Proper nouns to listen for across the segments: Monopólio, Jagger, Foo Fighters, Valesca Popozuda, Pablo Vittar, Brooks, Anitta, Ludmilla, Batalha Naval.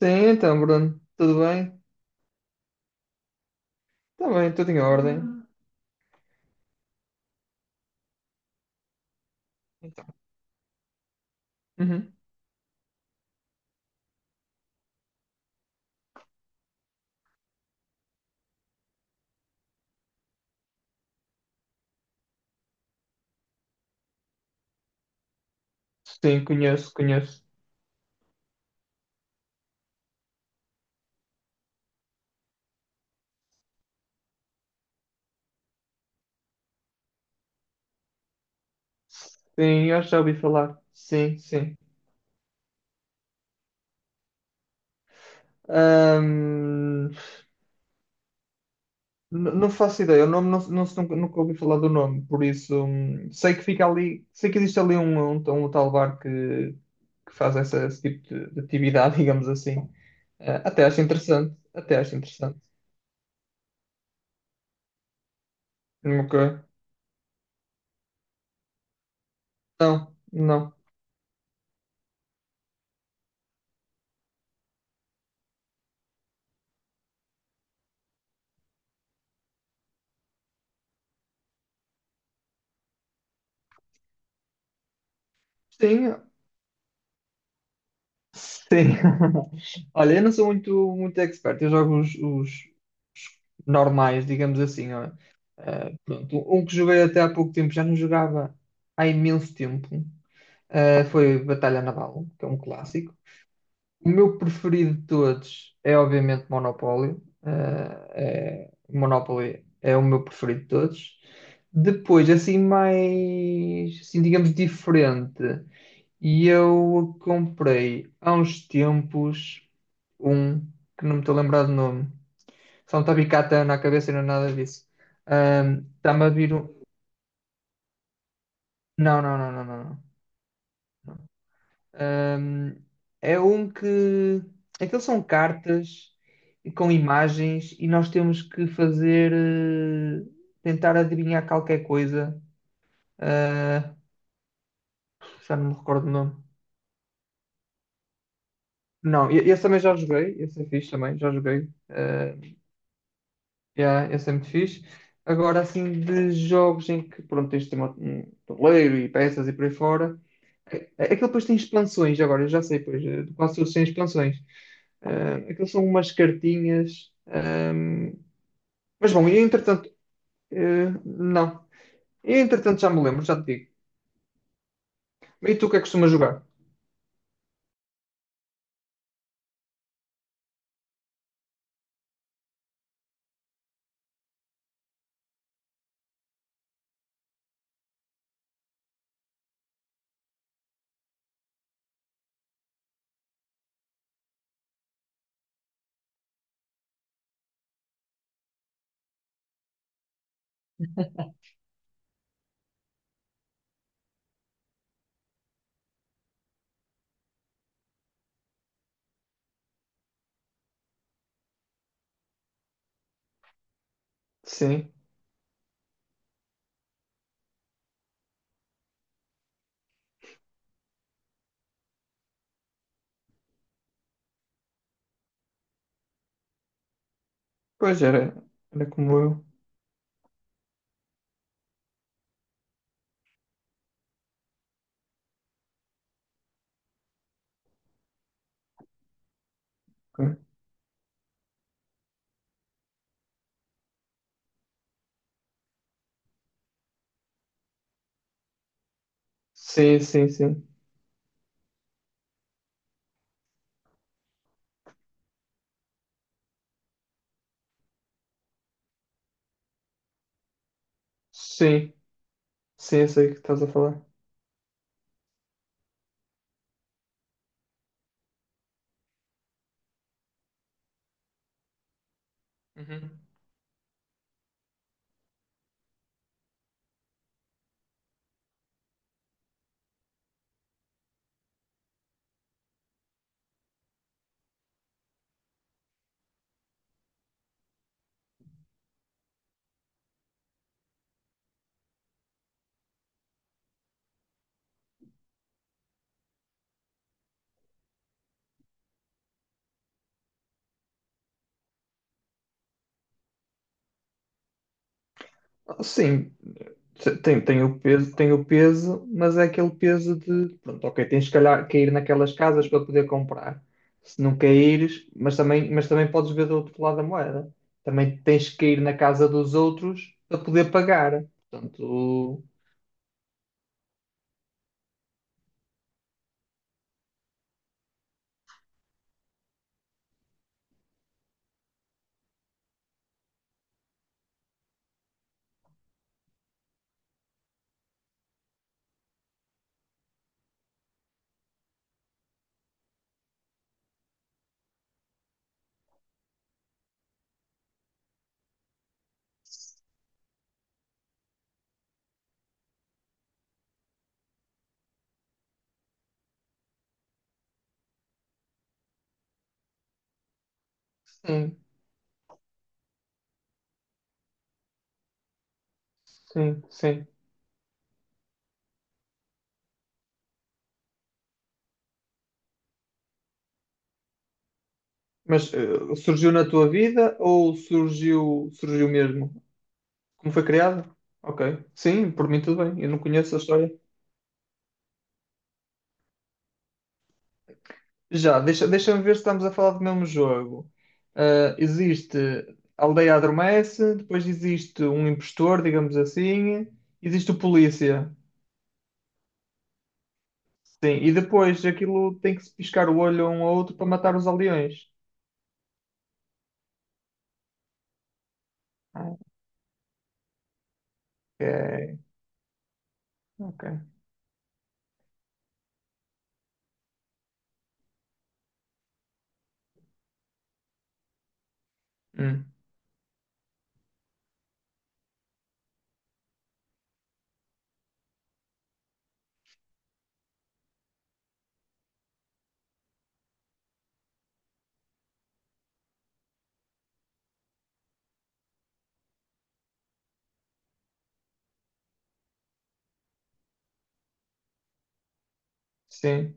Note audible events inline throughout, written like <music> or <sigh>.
Sim, então, Bruno, tudo bem? Está bem, tudo em ordem. Hum. Então, uhum. Sim, conheço, conheço. Sim, eu já ouvi falar. Sim, sim. Ahm, não faço ideia, o nome não, não, nunca ouvi falar do nome, por isso sei que fica ali, sei que existe ali um tal bar que, faz esse tipo de atividade, <laughs> digamos assim. Ah, até acho interessante, até acho interessante. Nunca. Não, não. Sim, sim. <laughs> Olha, eu não sou muito, muito expert, eu jogo os normais, digamos assim. Ó. Pronto, um que joguei até há pouco tempo, já não jogava há imenso tempo, foi Batalha Naval, que é um clássico. O meu preferido de todos é, obviamente, Monopólio. Monopoly é o meu preferido de todos. Depois, assim, mais, assim, digamos, diferente. E eu comprei há uns tempos um que não me estou a lembrar do nome. Só me está na cabeça e não é nada disso. Está-me a vir um. Não, não, não, não, não, não. Não. Ahm, é um que. Aqueles são cartas e com imagens e nós temos que fazer, tentar adivinhar qualquer coisa. Ah, já não me recordo o nome. Não, esse também já joguei. Esse é fixe também, já joguei. Ah. Yeah, esse é muito fixe. Agora, assim, de jogos em que, pronto, tens de ter um tabuleiro e peças e por aí fora. Aquele depois tem expansões, agora, eu já sei, pois, quase todos têm expansões. Aquilo são umas cartinhas, mas bom, e entretanto, não. E entretanto já me lembro, já te digo. E tu o que é que costumas jogar? Sim, pois era como eu. Ok. Sim, sim, sim. Sim, sim, eu sei o que estás a falar. Uhum. Sim, tem o peso, tem o peso, mas é aquele peso de, pronto, ok, tens que calhar cair naquelas casas para poder comprar. Se não caíres, mas também podes ver do outro lado da moeda. Também tens que cair na casa dos outros para poder pagar. Portanto, sim, sim, sim. Mas surgiu na tua vida ou surgiu mesmo? Como foi criado? Ok, sim, por mim tudo bem. Eu não conheço a história. Já, deixa-me ver se estamos a falar do mesmo jogo. Ah, existe a aldeia adormece, depois existe um impostor, digamos assim, existe o polícia. Sim, e depois aquilo tem que se piscar o olho um ao outro para matar os aldeões. Ah, ok, ok. Hum, sim,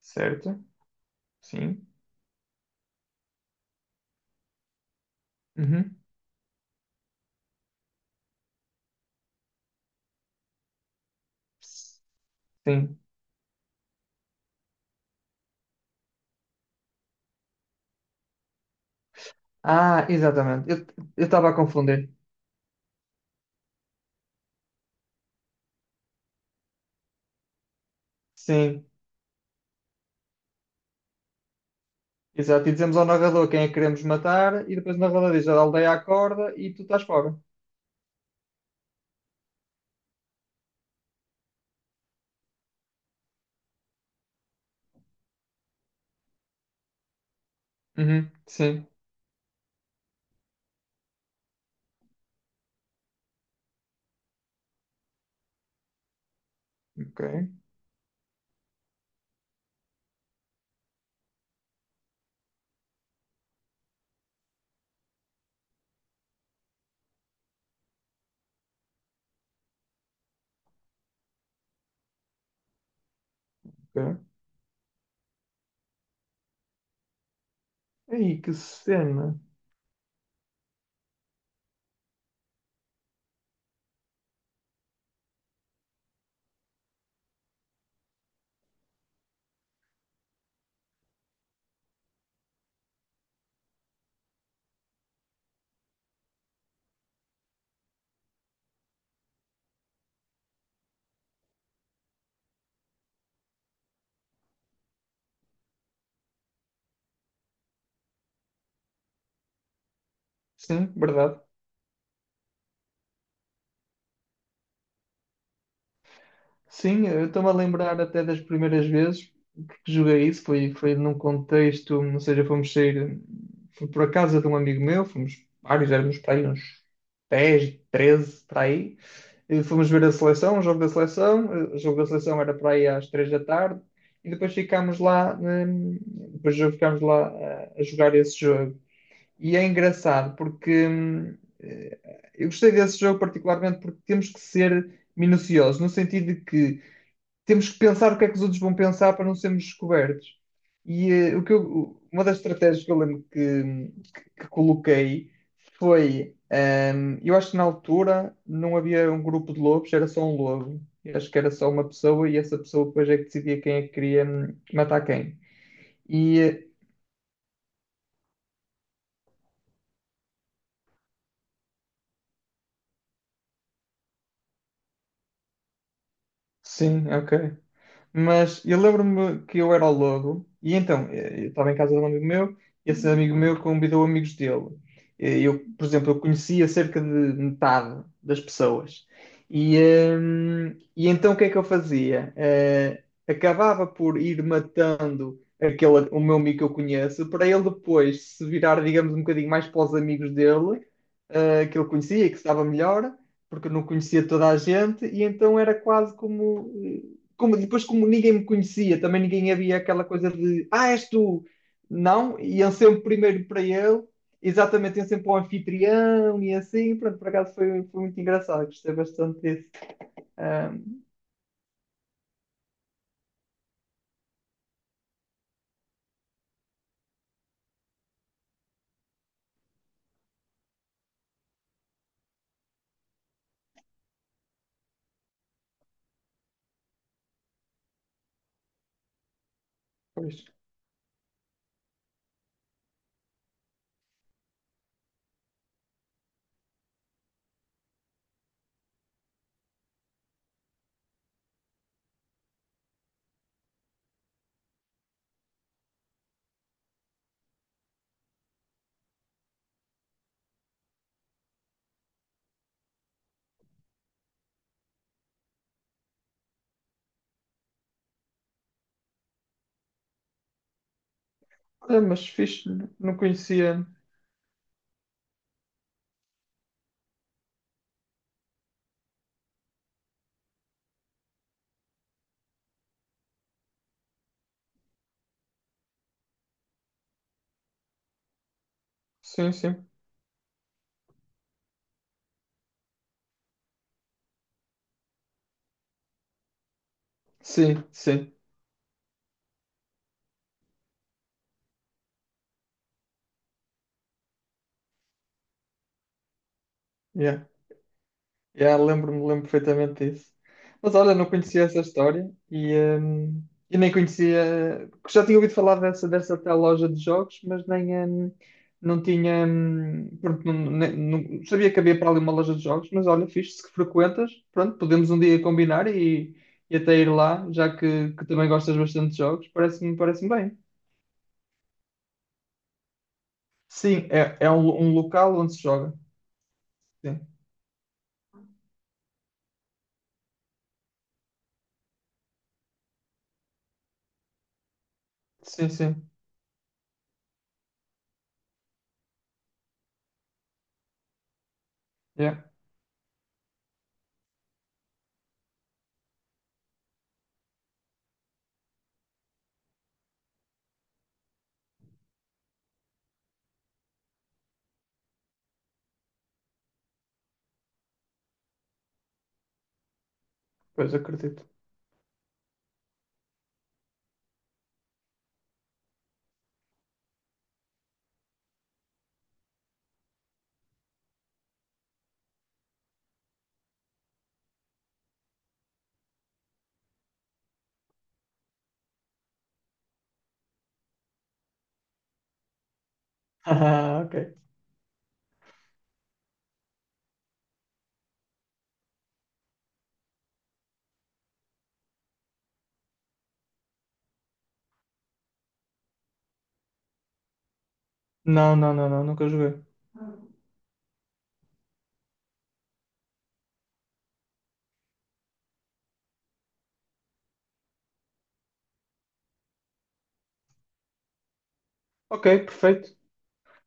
certo. Sim. Uhum. Sim. Ah, exatamente. Eu estava a confundir. Sim, exato. E dizemos ao narrador quem é que queremos matar, e depois o narrador diz a aldeia acorda e tu estás fora. Uhum, sim, ok, ok. Aí, que cena. Sim, verdade. Sim, eu estou-me a lembrar até das primeiras vezes que joguei isso, foi num contexto, ou seja, fomos sair, fui por a casa de um amigo meu, fomos vários, éramos para aí uns 10, 13 para aí, e fomos ver a seleção, o jogo da seleção, o jogo da seleção era para aí às 3 da tarde, e depois ficámos lá, depois ficámos lá a jogar esse jogo. E é engraçado porque eu gostei desse jogo particularmente porque temos que ser minuciosos, no sentido de que temos que pensar o que é que os outros vão pensar para não sermos descobertos. E uma das estratégias que eu lembro que, que coloquei foi, eu acho que na altura não havia um grupo de lobos, era só um lobo. Eu acho que era só uma pessoa e essa pessoa depois é que decidia quem é que queria matar quem. E sim, ok. Mas eu lembro-me que eu era o lobo, e então eu estava em casa de um amigo meu, e esse amigo meu convidou amigos dele. Eu, por exemplo, eu conhecia cerca de metade das pessoas. E então o que é que eu fazia? Acabava por ir matando aquele, o meu amigo que eu conheço, para ele depois se virar, digamos, um bocadinho mais para os amigos dele, que ele conhecia e que estava melhor porque eu não conhecia toda a gente, e então era quase como como, depois, como ninguém me conhecia, também ninguém havia aquela coisa de ah, és tu. Não, iam sempre primeiro para ele, exatamente, iam sempre para o anfitrião e assim. Pronto, por acaso foi muito engraçado, gostei bastante disso. Ah, pois. É, mas fixe, não conhecia. Sim, sim. Sim, sim. Yeah. Yeah, lembro-me, lembro perfeitamente disso. Mas olha, não conhecia essa história e nem conhecia. Já tinha ouvido falar dessa tal loja de jogos, mas nem, não tinha. Pronto, não, sabia que havia para ali uma loja de jogos, mas olha, fixe, se que frequentas, pronto, podemos um dia combinar e até ir lá, já que, também gostas bastante de jogos, parece-me bem. Sim, é um local onde se joga. Sim, sim, sim. Yeah, pois acredito. <laughs> Ah, ok. Não, não, não, não, nunca joguei. Ok, perfeito.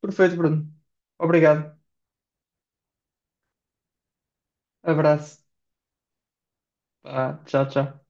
Perfeito, Bruno. Obrigado. Abraço. Ah, tchau, tchau.